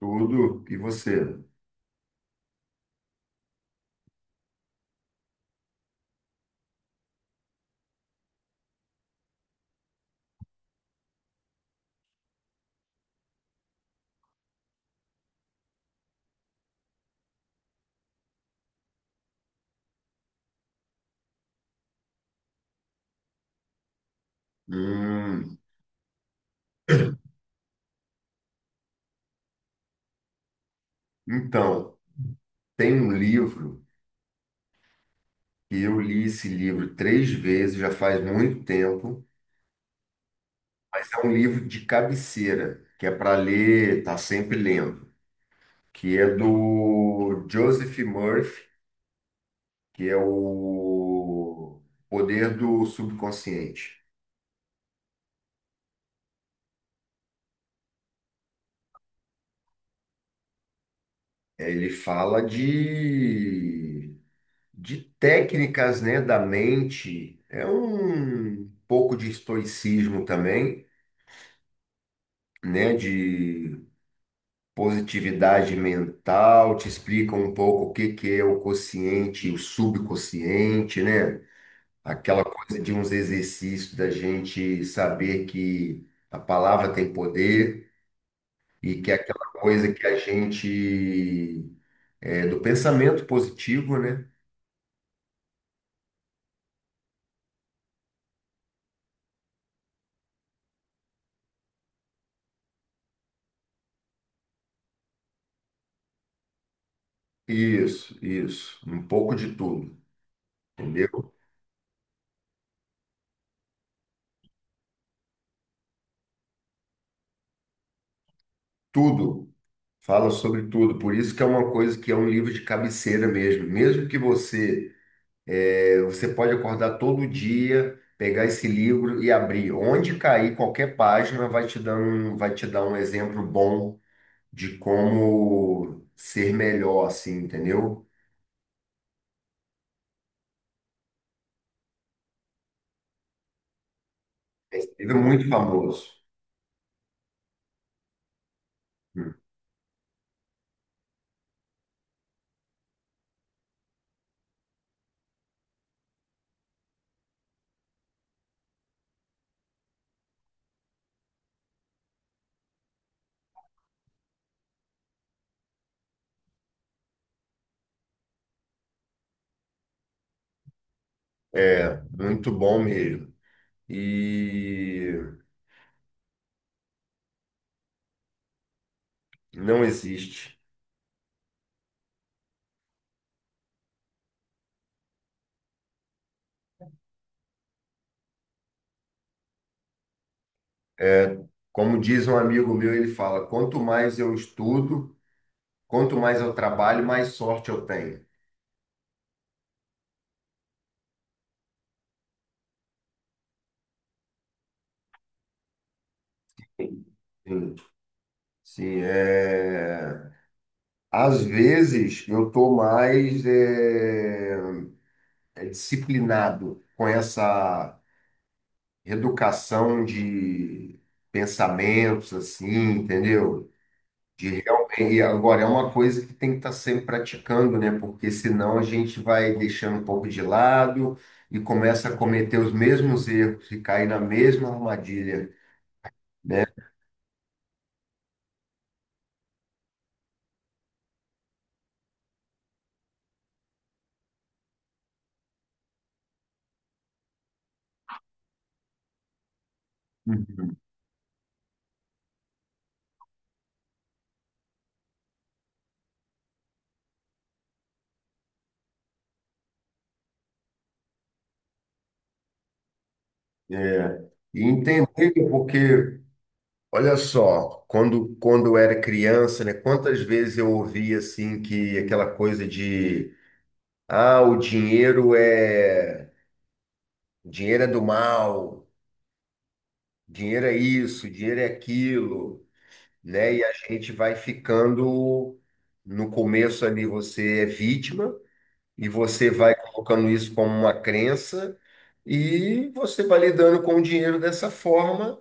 Tudo. E você? Hum, então, tem um livro que eu li esse livro três vezes, já faz muito tempo, mas é um livro de cabeceira, que é para ler, tá sempre lendo, que é do Joseph Murphy, que é o Poder do Subconsciente. É, ele fala de técnicas, né, da mente. É um pouco de estoicismo também, né, de positividade mental. Te explica um pouco o que que é o consciente e o subconsciente, né? Aquela coisa de uns exercícios da gente saber que a palavra tem poder e que é aquela coisa que a gente é do pensamento positivo, né? Isso, um pouco de tudo, entendeu? Tudo. Fala sobre tudo, por isso que é uma coisa que é um livro de cabeceira mesmo. Você pode acordar todo dia, pegar esse livro e abrir. Onde cair qualquer página vai te dar um exemplo bom de como ser melhor, assim, entendeu? Esse livro é muito famoso. Hum. É, muito bom mesmo. E não existe. Como diz um amigo meu, ele fala: quanto mais eu estudo, quanto mais eu trabalho, mais sorte eu tenho. Sim, sim, é. Às vezes eu tô mais disciplinado com essa reeducação de pensamentos, assim, entendeu? De realmente, e agora é uma coisa que tem que estar sempre praticando, né? Porque senão a gente vai deixando um pouco de lado e começa a cometer os mesmos erros e cair na mesma armadilha, né? Uhum. É. E entender porque olha só, quando eu era criança, né, quantas vezes eu ouvia assim que aquela coisa de ah, o dinheiro é do mal, dinheiro é isso, dinheiro é aquilo, né? E a gente vai ficando, no começo ali você é vítima e você vai colocando isso como uma crença e você vai lidando com o dinheiro dessa forma,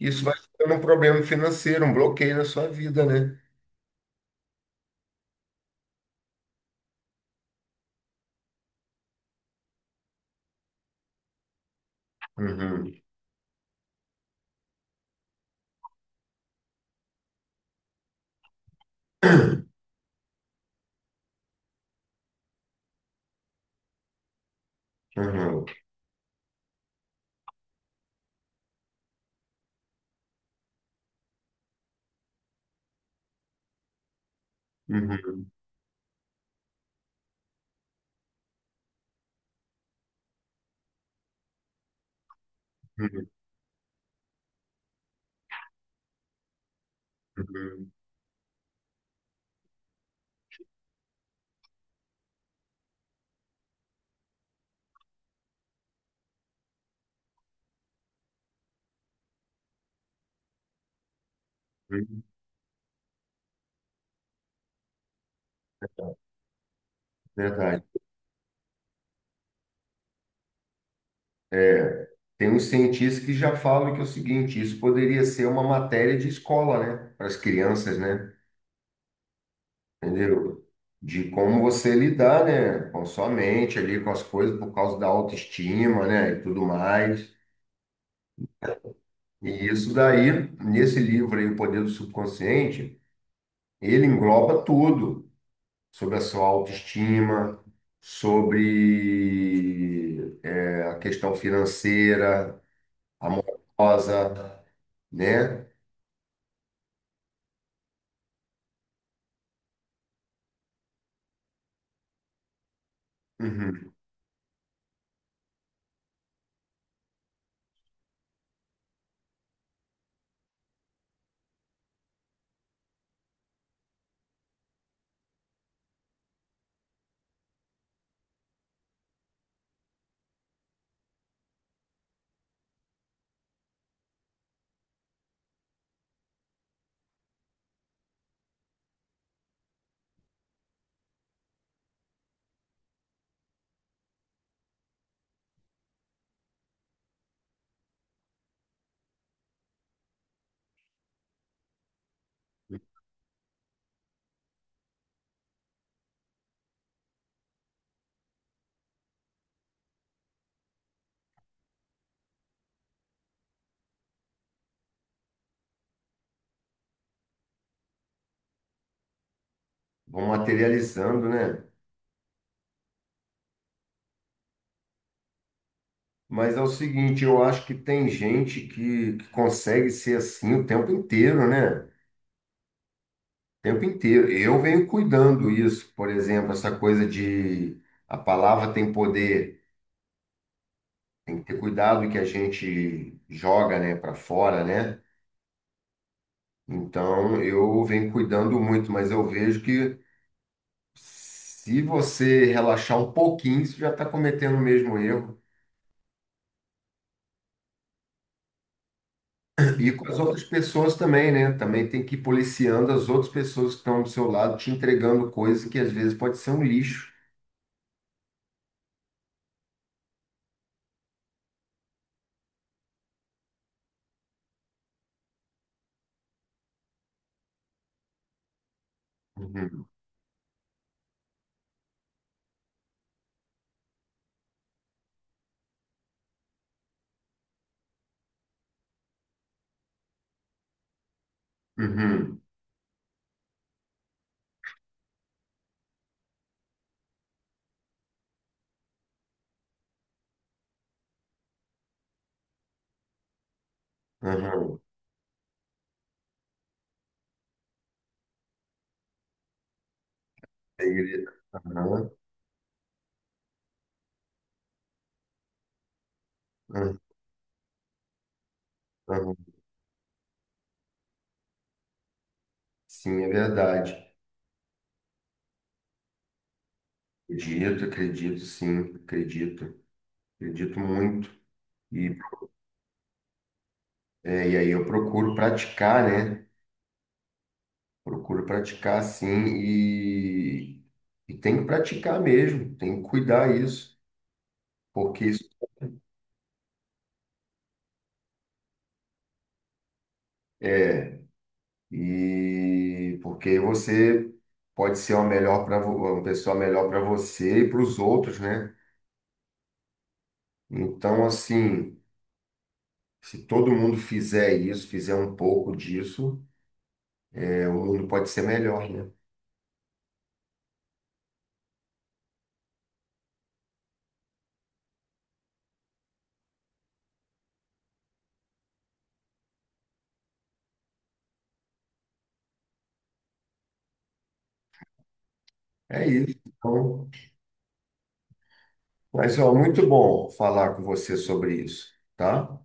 isso vai ficando um problema financeiro, um bloqueio na sua vida, né? Uhum. Uhum. Uhum. Uhum. Uhum. Uhum. Verdade. É, tem uns cientistas que já falam que é o seguinte, isso poderia ser uma matéria de escola, né? Para as crianças, né? Entendeu? De como você lidar, né? Com a sua mente ali, com as coisas, por causa da autoestima, né? E tudo mais. E isso daí, nesse livro aí, O Poder do Subconsciente, ele engloba tudo. Sobre a sua autoestima, sobre é, a questão financeira, amorosa, né? Uhum. Vão materializando, né? Mas é o seguinte, eu acho que tem gente que consegue ser assim o tempo inteiro, né? O tempo inteiro. Eu venho cuidando isso, por exemplo, essa coisa de a palavra tem poder, tem que ter cuidado que a gente joga, né, para fora, né? Então, eu venho cuidando muito, mas eu vejo que se você relaxar um pouquinho, você já está cometendo o mesmo erro. E com as outras pessoas também, né? Também tem que ir policiando as outras pessoas que estão do seu lado, te entregando coisas que às vezes pode ser um lixo. Uhum. Uhum. Uhum. Ele- Uhum. Uhum. Uhum. Sim, é verdade. Acredito, acredito, sim, acredito. Acredito muito. E, é, e aí eu procuro praticar, né? Procuro praticar sim e tem que praticar mesmo, tem que cuidar isso, porque isso- e porque você pode ser uma pessoa melhor para você e para os outros, né? Então, assim, se todo mundo fizer isso, fizer um pouco disso, é, o mundo pode ser melhor, né? É isso. Então, mas ó, muito bom falar com você sobre isso, tá?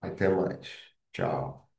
Até mais. Tchau.